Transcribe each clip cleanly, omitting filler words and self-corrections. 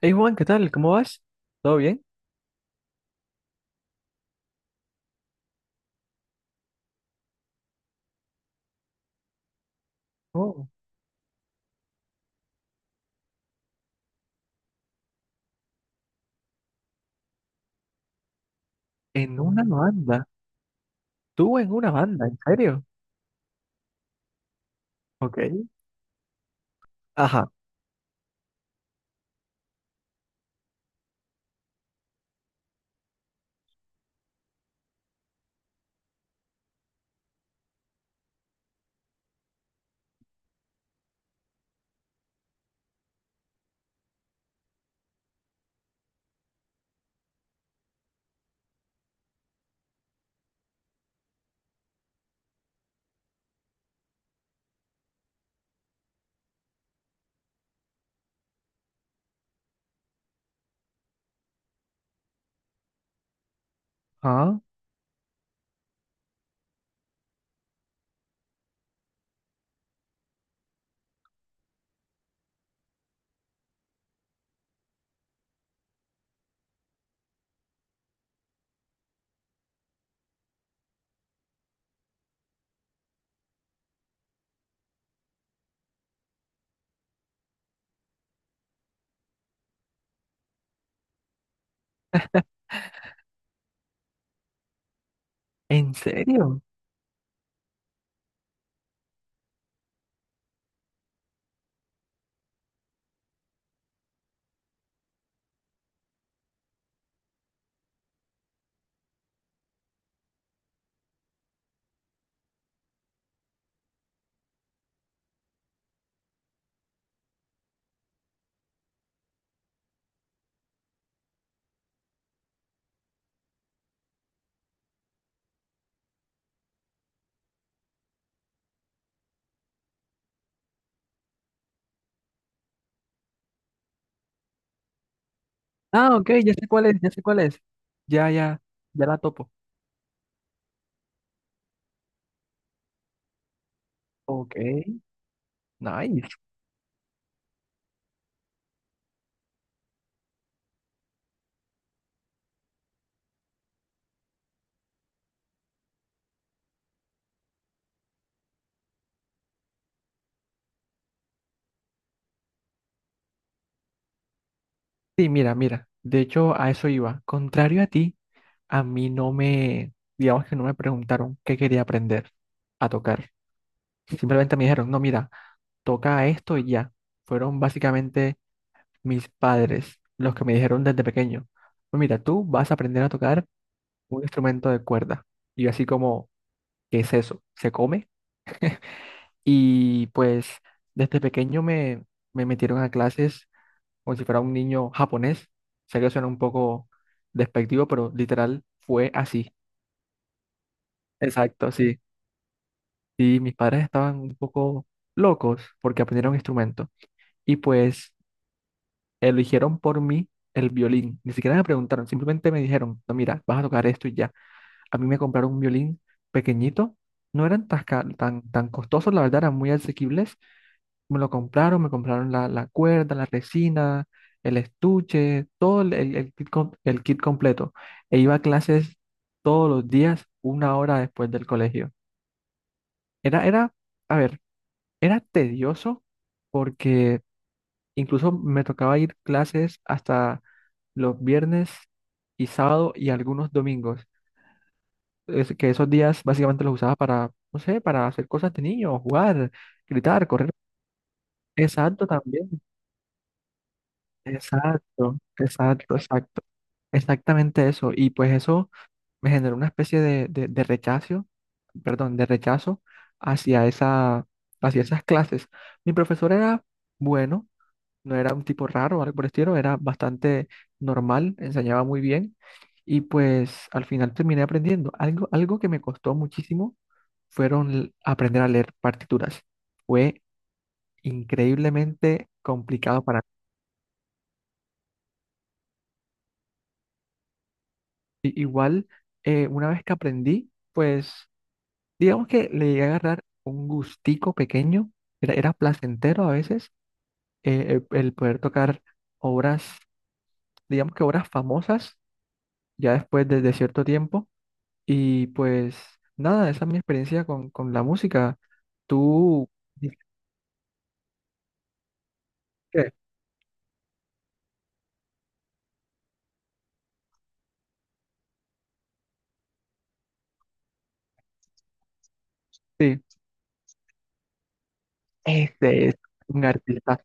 Hey Juan, ¿qué tal? ¿Cómo vas? ¿Todo bien? Oh, en una banda. Tú en una banda, ¿en serio? Ok. Ajá. Ah, ¿en serio? Ah, ok, ya sé cuál es, ya sé cuál es. Ya, ya, ya la topo. Ok. Nice. Sí, mira, mira. De hecho, a eso iba. Contrario a ti, a mí no me, digamos que no me preguntaron qué quería aprender a tocar. Simplemente me dijeron, no, mira, toca esto y ya. Fueron básicamente mis padres, los que me dijeron desde pequeño, "Pues mira, tú vas a aprender a tocar un instrumento de cuerda". Y yo así como, ¿qué es eso? ¿Se come? Y pues desde pequeño me, me metieron a clases como si fuera un niño japonés. Sé que suena un poco despectivo, pero literal fue así. Exacto, sí. Y mis padres estaban un poco locos porque aprendieron instrumento. Y pues eligieron por mí el violín. Ni siquiera me preguntaron, simplemente me dijeron, no, mira, vas a tocar esto y ya. A mí me compraron un violín pequeñito, no eran tan costosos, la verdad, eran muy asequibles. Me lo compraron, me compraron la cuerda, la resina, el estuche, todo el kit, el kit completo. E iba a clases todos los días, una hora después del colegio. Era, era, a ver, era tedioso porque incluso me tocaba ir clases hasta los viernes y sábado y algunos domingos. Es que esos días básicamente los usaba para, no sé, para hacer cosas de niño, jugar, gritar, correr. Exacto, también. Exacto. Exactamente eso. Y pues eso me generó una especie de rechazo, perdón, de rechazo hacia esa, hacia esas clases. Mi profesor era bueno. No era un tipo raro o algo por el estilo, era bastante normal, enseñaba muy bien y pues al final terminé aprendiendo. Algo que me costó muchísimo aprender a leer partituras. Fue increíblemente complicado para mí. Igual, una vez que aprendí, pues digamos que le llegué a agarrar un gustico pequeño, era placentero a veces, el poder tocar obras, digamos que obras famosas, ya después de cierto tiempo. Y pues nada, esa es mi experiencia con la música. Tú dices que sí, este es un artista.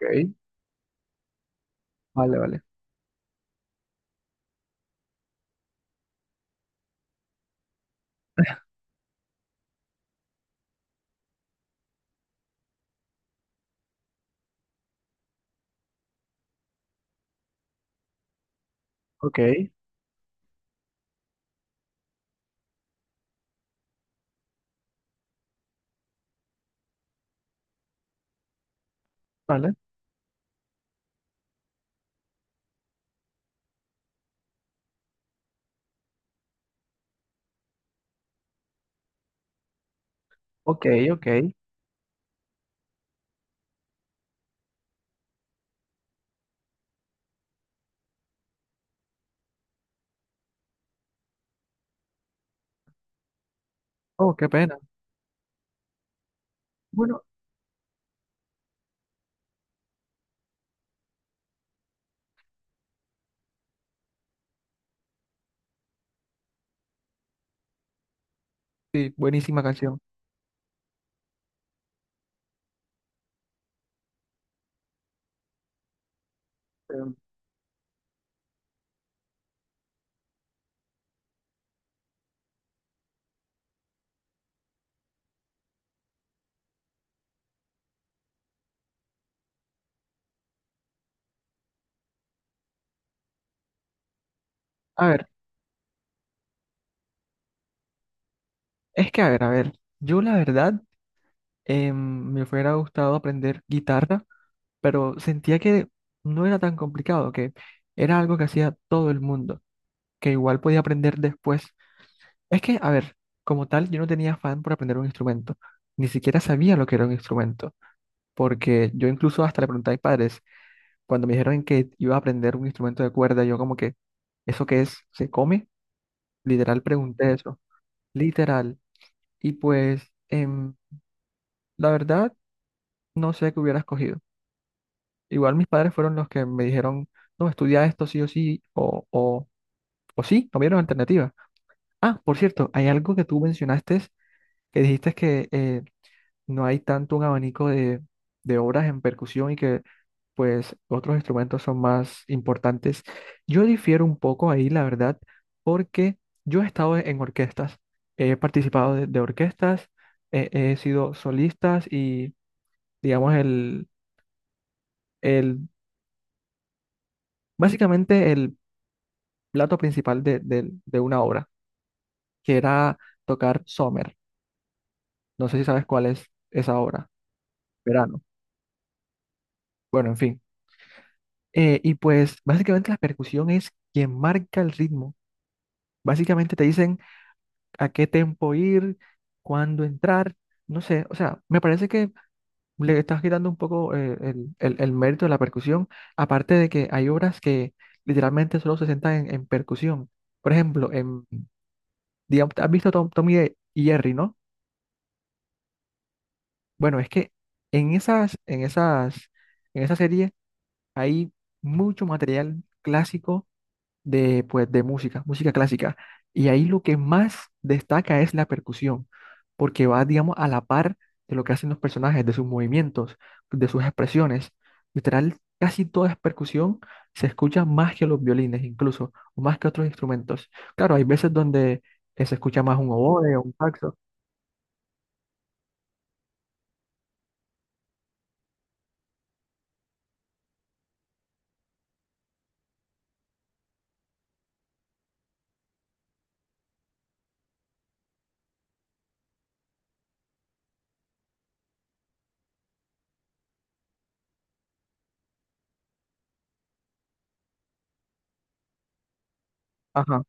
Ok, vale. Ok, vale. Ok, ok. Oh, qué pena. Bueno, sí, buenísima canción. Em, a ver, a ver. Yo la verdad em, me hubiera gustado aprender guitarra, pero sentía que no era tan complicado, que era algo que hacía todo el mundo, que igual podía aprender después. Es que, a ver, como tal, yo no tenía afán por aprender un instrumento. Ni siquiera sabía lo que era un instrumento. Porque yo incluso hasta le pregunté a mis padres, cuando me dijeron que iba a aprender un instrumento de cuerda, yo como que, ¿eso qué es? ¿Se come? Literal pregunté eso. Literal. Y pues, la verdad, no sé qué hubiera escogido. Igual mis padres fueron los que me dijeron, no, estudia esto sí o sí, o sí, no vieron alternativa. Ah, por cierto, hay algo que tú mencionaste, que dijiste que no hay tanto un abanico de obras en percusión y que pues otros instrumentos son más importantes. Yo difiero un poco ahí, la verdad, porque yo he estado en orquestas, he participado de orquestas, he sido solistas y digamos el el plato principal de una obra, que era tocar Sommer. No sé si sabes cuál es esa obra, verano. Bueno, en fin. Y pues básicamente la percusión es quien marca el ritmo. Básicamente te dicen a qué tempo ir, cuándo entrar, no sé. O sea, me parece que le estás quitando un poco el mérito de la percusión, aparte de que hay obras que literalmente solo se sentan en percusión. Por ejemplo, en, digamos, ¿has visto Tom y Jerry, no? Bueno, es que en esas, en esas, en esa serie hay mucho material clásico de, pues, música clásica. Y ahí lo que más destaca es la percusión, porque va, digamos, a la par de lo que hacen los personajes, de sus movimientos, de sus expresiones. Literal, casi toda es percusión, se escucha más que los violines incluso, o más que otros instrumentos. Claro, hay veces donde se escucha más un oboe o un saxo. Ajá,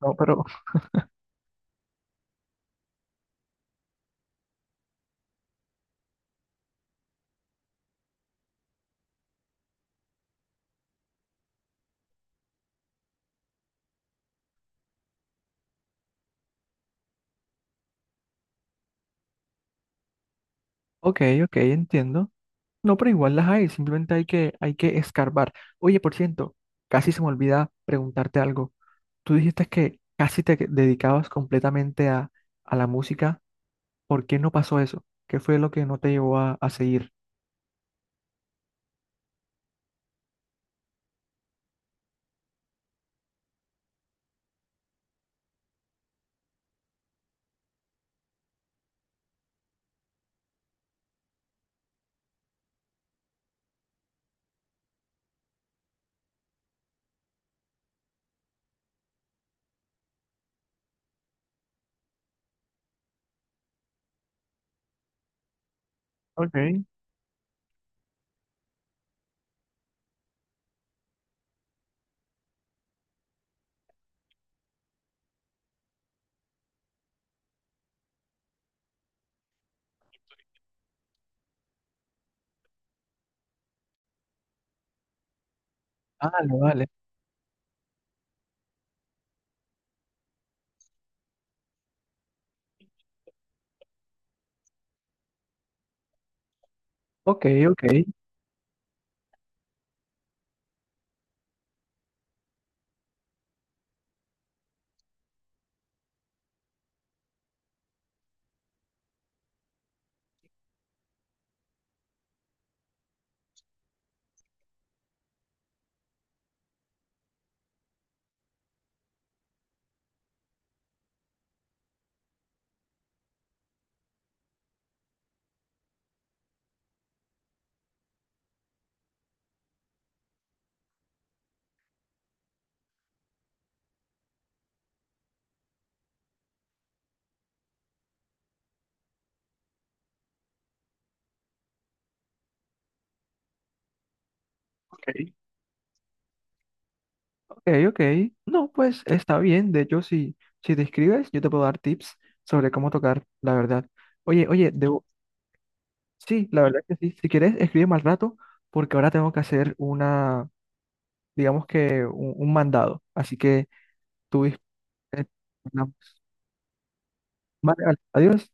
no, pero ok, ok, entiendo. No, pero igual las hay, simplemente hay que escarbar. Oye, por cierto, casi se me olvida preguntarte algo. Tú dijiste que casi te dedicabas completamente a la música. ¿Por qué no pasó eso? ¿Qué fue lo que no te llevó a seguir? Ok. Vale, vale. Ok, ok, ok. Ok, ok. No, pues está bien. De hecho, si, si te escribes, yo te puedo dar tips sobre cómo tocar, la verdad. Oye, oye, debo... sí, la verdad que sí. Si quieres, escríbeme al rato, porque ahora tengo que hacer digamos que un mandado. Así que tú... eh, hablamos. Vale, vale. Adiós.